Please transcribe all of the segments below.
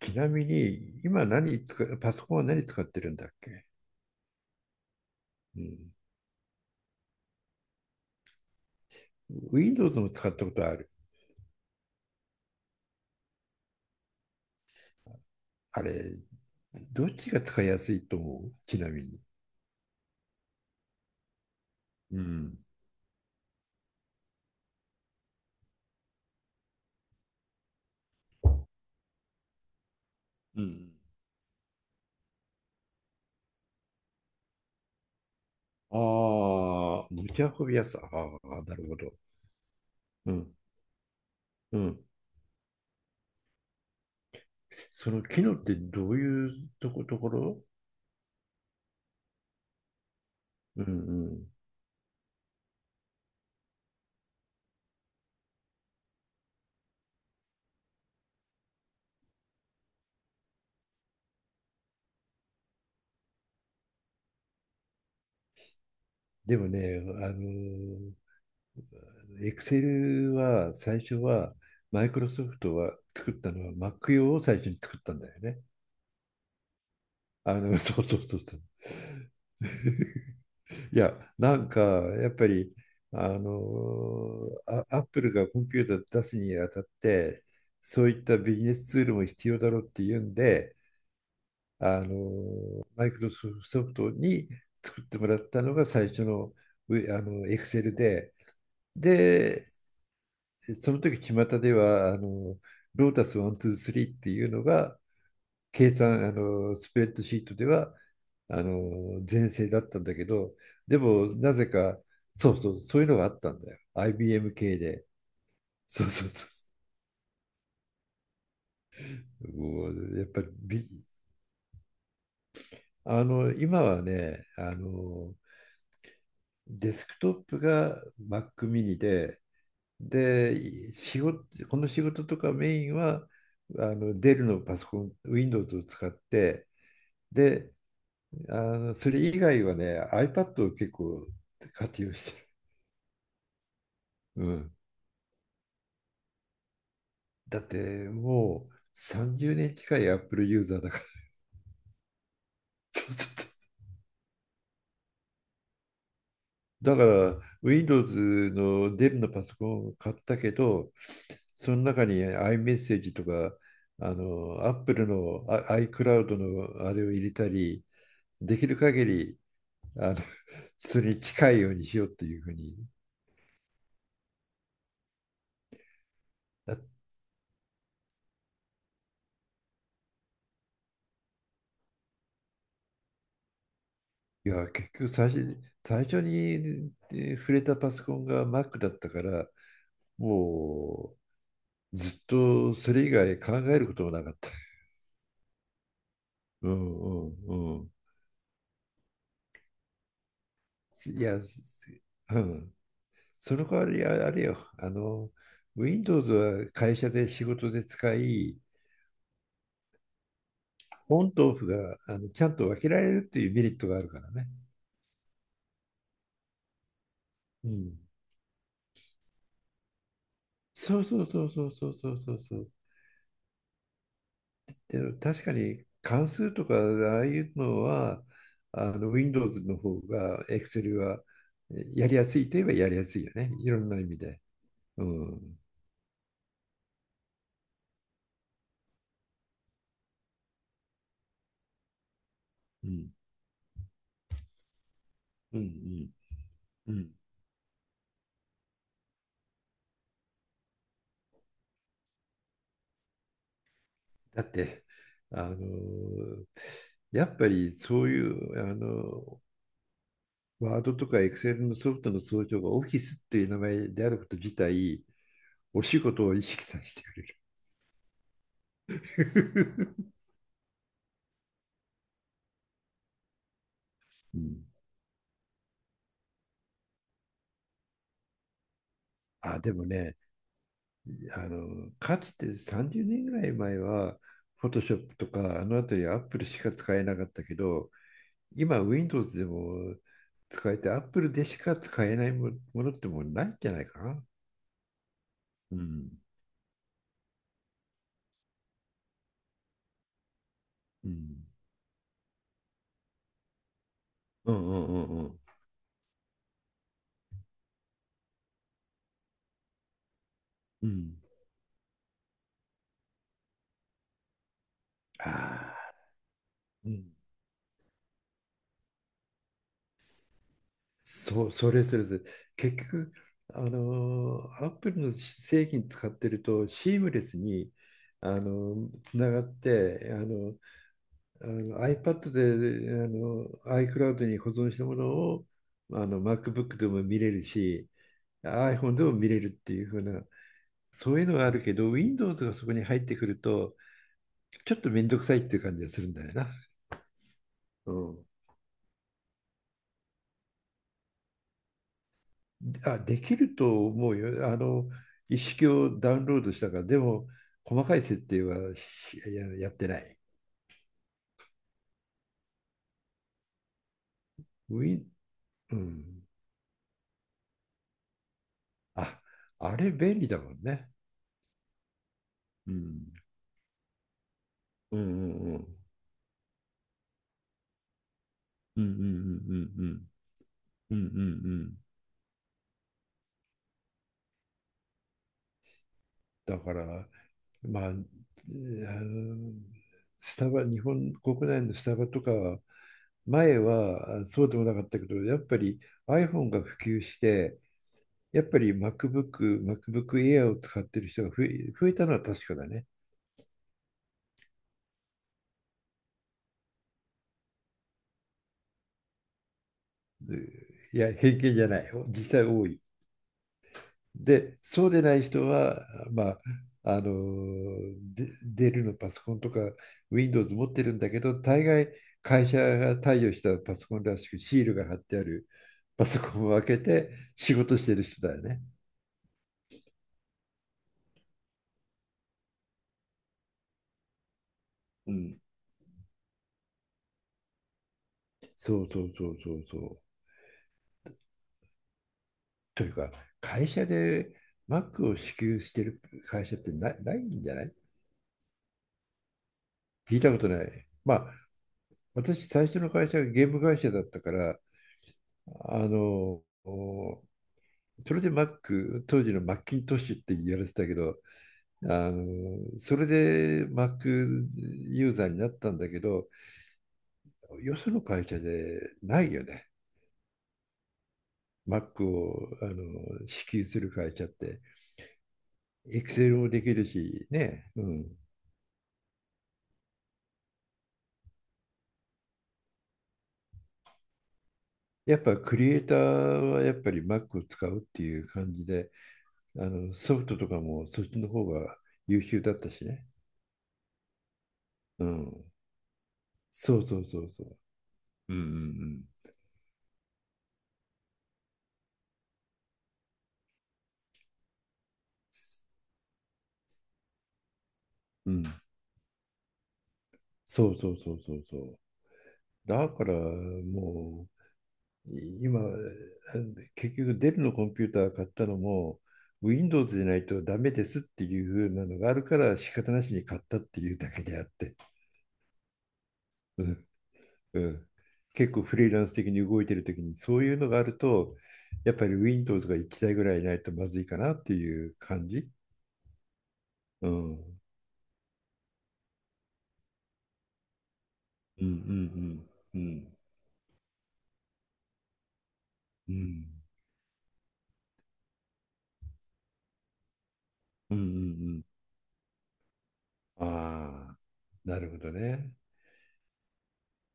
ちなみに、今何使う、パソコンは何使ってるんだっけ？うん。Windows も使ったことある？あれ、どっちが使いやすいと思うちなみに？うん。うん。ああ、持ち運びやすさ。ああ、なるほど。うん。うん。その機能ってどういうところ？うんうん。でもね、あの、Excel は最初は、マイクロソフトは作ったのは Mac 用を最初に作ったんだよね。そうそうそうそう いや、なんか、やっぱり、アップルがコンピューター出すにあたって、そういったビジネスツールも必要だろうっていうんで、マイクロソフトに作ってもらったのが最初の、うあの、エクセルで、で、その時巷では、ロータス1、2、3っていうのが、計算、スプレッドシートでは、全盛だったんだけど、でもなぜか、そうそう、そういうのがあったんだよ。IBM 系で。そうそうそう。もうやっぱり今はね、デスクトップが Mac mini で、で、この仕事とかメインは、デルのパソコン、Windows を使って、で、それ以外はね、iPad を結構活用してる。うん。だってもう30年近い Apple ユーザーだから。そう。だから Windows のデルのパソコンを買ったけど、その中に iMessage とかApple の iCloud のあれを入れたり、できる限りあのそれに近いようにしようっていうふうに。いや、結局最初に触れたパソコンが Mac だったから、もうずっとそれ以外考えることもなかった。うんうんうん。いや、うん。その代わりあれよ、Windows は会社で仕事で使い、オンとオフがちゃんと分けられるっていうメリットがあるからね。うん。そうそうそうそうそうそうそうそう。で、確かに関数とかああいうのは、Windows の方が Excel はやりやすいといえばやりやすいよね。いろんな意味で。うん。うん。うん。うん。うんだってあのやっぱりそういうワードとかエクセルのソフトの総称がオフィスっていう名前であること自体お仕事を意識させてくれる。うん。でもねかつて30年ぐらい前はフォトショップとかあのあたりアップルしか使えなかったけど今 Windows でも使えてアップルでしか使えないものってもうないんじゃないかな。うん、うん、うんうんうんうん。ああ、うん。そう、それそれそれ。結局、アップルの製品使ってると、シームレスに、つながって、iPad で、iCloud に保存したものを、MacBook でも見れるし、iPhone でも見れるっていう風な、そういうのがあるけど、Windows がそこに入ってくると、ちょっとめんどくさいっていう感じがするんだよな。うん。あ、できると思うよ。一式をダウンロードしたから、でも、細かい設定はやってない。ウィン、うん。あ、あれ便利だもんね。うん。うんうんうん。うんうんうんうんうん。うんうんうん。だから、まあ、あの、スタバ、日本国内のスタバとかは、前はそうでもなかったけど、やっぱり iPhone が普及して、やっぱり MacBook、MacBook Air を使ってる人が増えたのは確かだね。いや、偏見じゃない。実際多い。で、そうでない人は、まあ、あの、デルのパソコンとか Windows 持ってるんだけど、大概会社が貸与したパソコンらしくシールが貼ってあるパソコンを開けて仕事してる人だよね。うん。そうそうそうそうそう。というか、会社で Mac を支給してる会社ってないんじゃない？聞いたことない。まあ、私、最初の会社がゲーム会社だったから、あの、おそれで Mac、当時のマッキントッシュって言われてたけど、それで Mac ユーザーになったんだけど、よその会社でないよね。Mac を、支給する会社って。Excel もできるし、ね。うん。やっぱクリエイターはやっぱり Mac を使うっていう感じで、ソフトとかもそっちの方が優秀だったしね。うん。そうそうそうそう。うんうんうん。うん。そうそうそうそうそう。だからもう、今、結局デルのコンピューター買ったのも、Windows でないとダメですっていう風なのがあるから仕方なしに買ったっていうだけであって。うんうん。結構フリーランス的に動いてる時にそういうのがあるとやっぱり Windows が1台ぐらいないとまずいかなっていう感じ。うん。うんうんうん。うん。うんうんうん。ああ、なるほどね。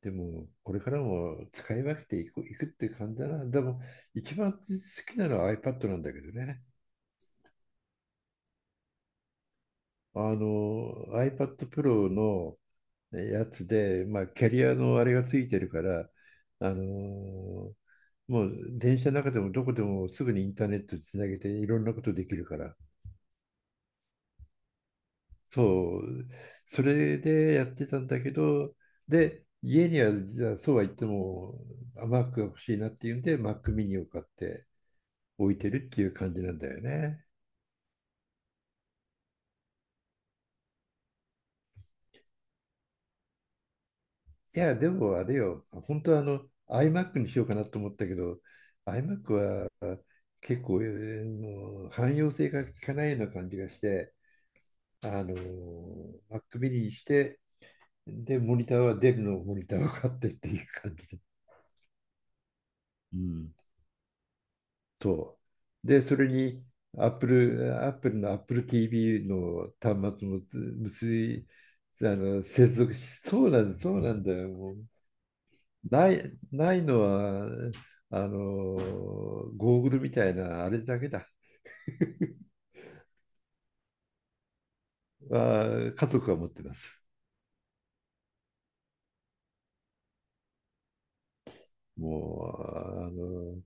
でも、これからも使い分けていく、いくって感じだな。でも、一番好きなのは iPad なんだけどね。iPad Pro のやつで、まあ、キャリアのあれがついてるから、あのもう電車の中でもどこでもすぐにインターネットつなげていろんなことできるから、そう、それでやってたんだけど、で、家には実はそうは言っても、Mac が欲しいなっていうんで、Mac mini を買って置いてるっていう感じなんだよね。いや、でもあれよ、本当はiMac にしようかなと思ったけど、iMac は結構、もう汎用性が効かないような感じがして、あの、Mac mini にして、で、モニターはデルのモニターを買ってっていう感じで。うんそう。で、それに Apple の Apple TV の端末も結び、あの接続し、そうなんだ、そうなんだよ。もうない、ないのは、あの、ゴーグルみたいなあれだけだ。あ、家族が持ってます。もう、あの、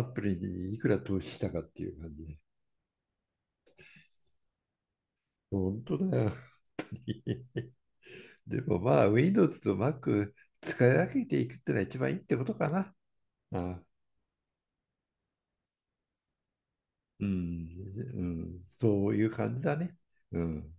ア p p にいくら投資したかっていう感じ。本当だよ。でもまあ、Windows と Mac 使い分けていくってのは一番いいってことかな。あうん、うん、そういう感じだね。うん。